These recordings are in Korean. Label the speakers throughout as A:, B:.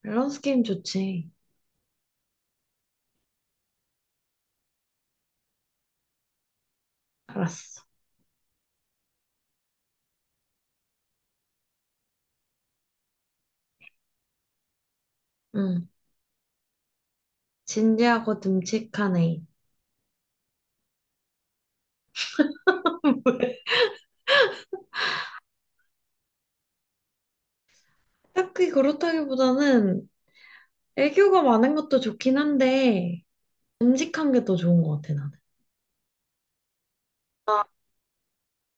A: 밸런스 게임 좋지. 알았어. 응. 진지하고 듬직한 애인. 딱히 그렇다기보다는 애교가 많은 것도 좋긴 한데, 듬직한 게 더 좋은 것 같아, 나는.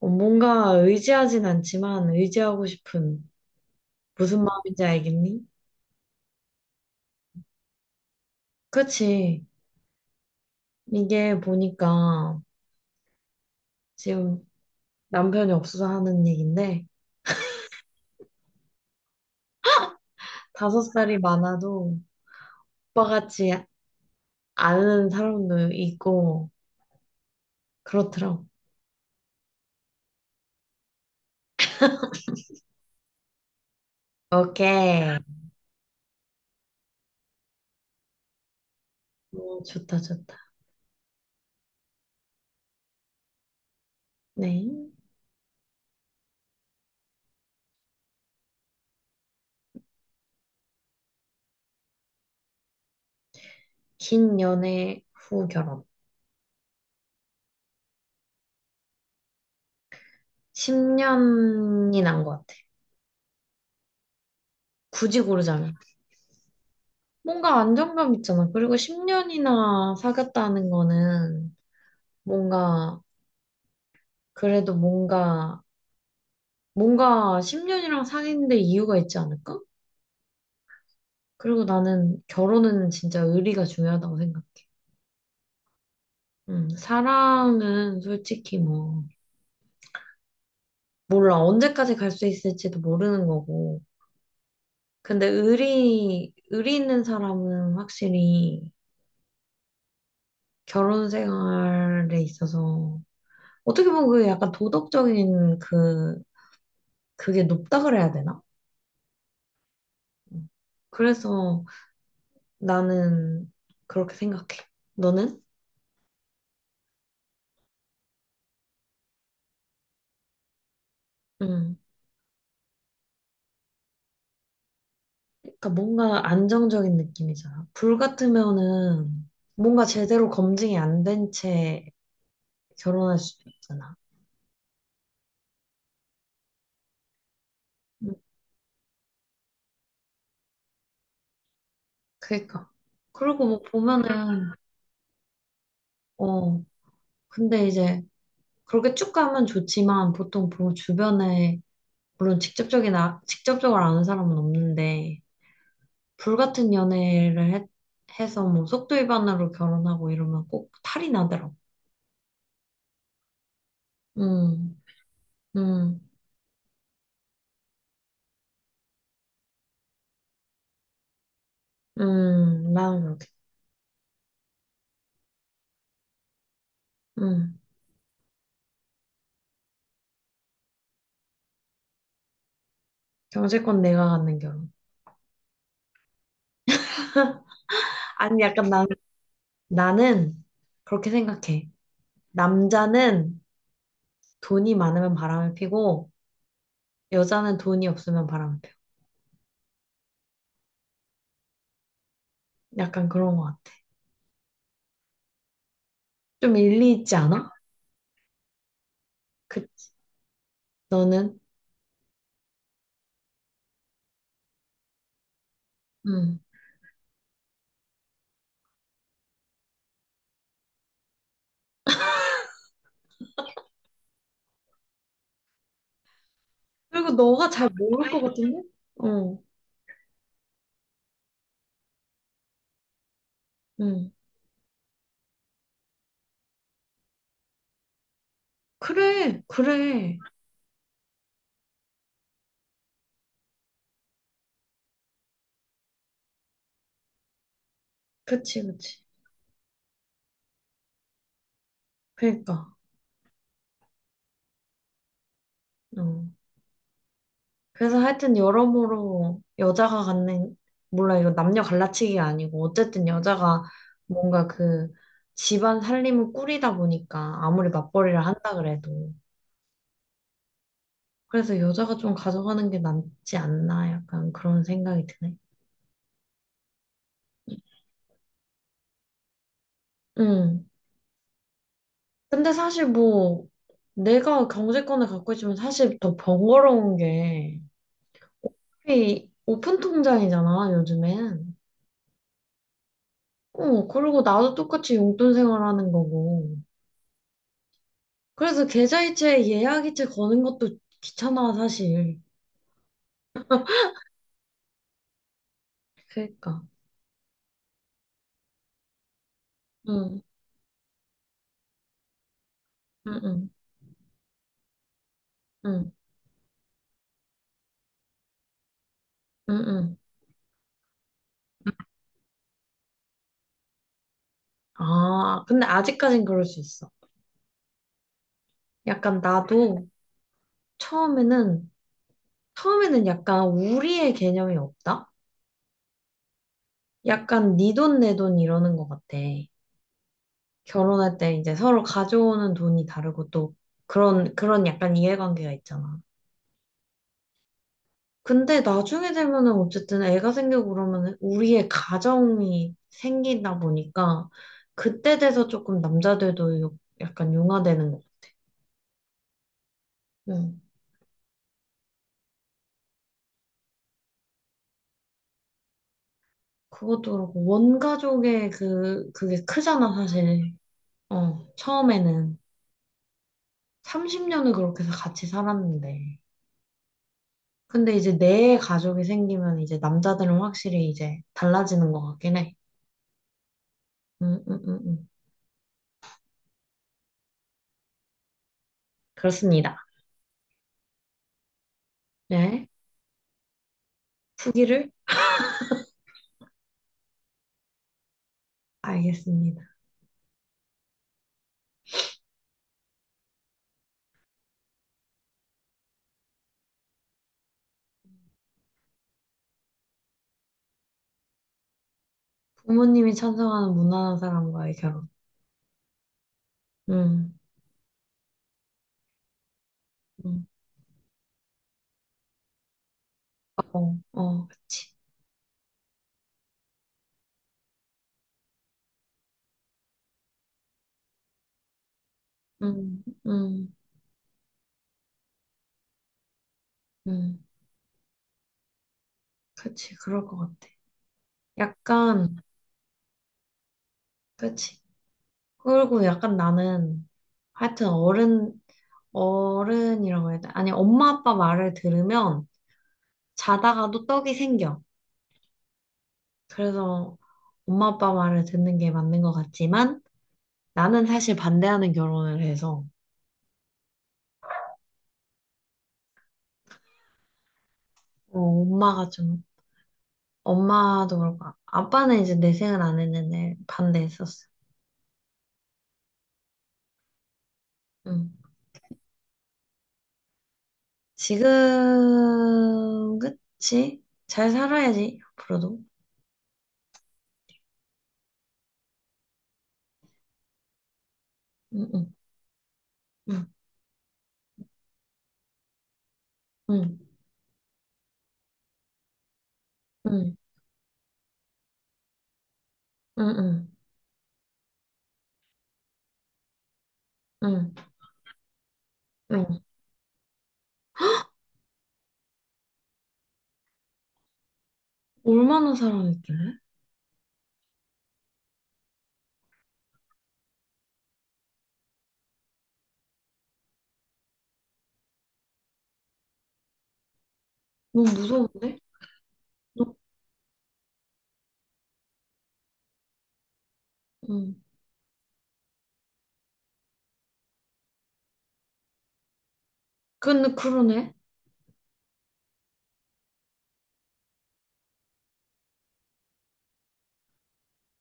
A: 어, 뭔가 의지하진 않지만 의지하고 싶은 무슨 마음인지 알겠니? 그치. 이게 보니까 지금 남편이 없어서 하는 얘긴데, 다섯 살이 많아도 오빠같이 아는 사람도 있고, 그렇더라고. 오케이. 어, 좋다, 좋다. 네. 긴 연애 후 결혼. 10년이 난 것 같아. 굳이 고르자면. 뭔가 안정감 있잖아. 그리고 10년이나 사귀었다는 거는 뭔가, 그래도 뭔가, 뭔가 10년이랑 사귄 데 이유가 있지 않을까? 그리고 나는 결혼은 진짜 의리가 중요하다고 생각해. 사랑은 솔직히 뭐, 몰라. 언제까지 갈 수 있을지도 모르는 거고. 근데 의리, 의리 있는 사람은 확실히 결혼 생활에 있어서 어떻게 보면 그게 약간 도덕적인 그, 그게 높다 그래야 되나? 음. 그래서 나는 그렇게 생각해. 너는? 응. 그러니까 뭔가 안정적인 느낌이잖아. 불 같으면은 뭔가 제대로 검증이 안 된 채 결혼할 수도 있잖아. 응. 그러니까. 그리고 뭐 보면은, 어, 근데 이제 그렇게 쭉 가면 좋지만 보통 주변에 물론 직접적인 직접적으로 아는 사람은 없는데 불같은 연애를 해서 뭐 속도위반으로 결혼하고 이러면 꼭 탈이 나더라고. 음, 음, 나는 그렇게. 음, 경제권 내가 갖는 결혼. 아니 약간 나는 그렇게 생각해. 남자는 돈이 많으면 바람을 피고 여자는 돈이 없으면 바람을 피워. 약간 그런 것 같아. 좀 일리 있지 않아? 그 너는? 음. 그리고 너가 잘 모를 것 같은데? 어, 응. 그래, 그래. 그치, 그치. 그러니까. 어. 그래서 하여튼 여러모로 여자가 갖는, 몰라, 이거 남녀 갈라치기가 아니고, 어쨌든 여자가 뭔가 그 집안 살림을 꾸리다 보니까 아무리 맞벌이를 한다 그래도. 그래서 여자가 좀 가져가는 게 낫지 않나, 약간 그런 생각이 드네. 응. 근데 사실 뭐, 내가 경제권을 갖고 있으면 사실 더 번거로운 게, 이 오픈 통장이잖아, 요즘엔. 어, 그리고 나도 똑같이 용돈 생활하는 거고. 그래서 계좌이체, 예약이체 거는 것도 귀찮아, 사실. 그러니까. 응, 응, 응, 응, 응, 응. 아, 근데 아직까진 그럴 수 있어. 약간 나도 처음에는, 처음에는 약간 우리의 개념이 없다? 약간 네 돈 내 돈 이러는 것 같아. 결혼할 때 이제 서로 가져오는 돈이 다르고 또 그런 약간 이해관계가 있잖아. 근데 나중에 되면은 어쨌든 애가 생기고 그러면 우리의 가정이 생기다 보니까 그때 돼서 조금 남자들도 약간 융화되는 거. 응. 그것도 그렇고 원가족의 그게 크잖아 사실. 어 처음에는 30년을 그렇게 해서 같이 살았는데. 근데 이제 내 가족이 생기면 이제 남자들은 확실히 이제 달라지는 것 같긴 해. 음, 음, 음, 음. 그렇습니다. 네. 후기를. 알겠습니다. 부모님이 찬성하는 무난한 사람과의 결혼. 음, 음, 어, 어, 그치. 음, 음, 음, 그치. 그럴 것 같아. 약간, 그치. 그리고 약간 나는, 하여튼 어른이라고 해야 돼. 아니, 엄마 아빠 말을 들으면 자다가도 떡이 생겨. 그래서 엄마 아빠 말을 듣는 게 맞는 것 같지만, 나는 사실 반대하는 결혼을 해서, 어, 엄마가 좀 엄마도 그렇고, 아빠는 이제 내생을 안 했는데 반대했었어. 응. 지금, 그치? 잘 살아야지, 앞으로도. 응, 응, 응, 응, 응, 응, 응, 응. 응. 얼마나 살아있길래? 너무 무서운데? 너, 응. 근데 그러네?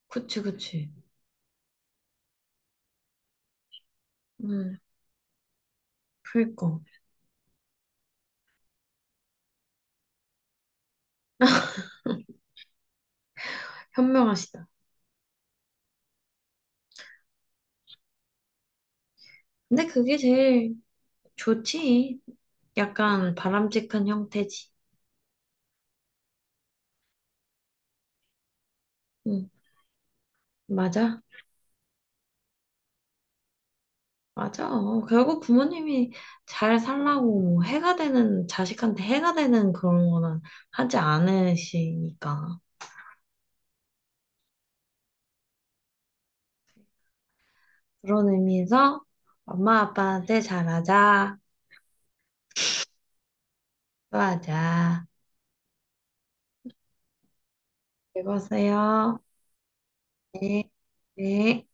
A: 그치, 그치. 응, 그니까. 현명하시다. 근데 그게 제일 좋지. 약간 바람직한 형태지. 응, 맞아. 맞아. 결국 부모님이 잘 살라고 해가 되는, 자식한테 해가 되는 그런 거는 하지 않으시니까. 그런 의미에서 엄마 아빠한테 잘하자, 좋아하자. 읽었어요. 네. 네.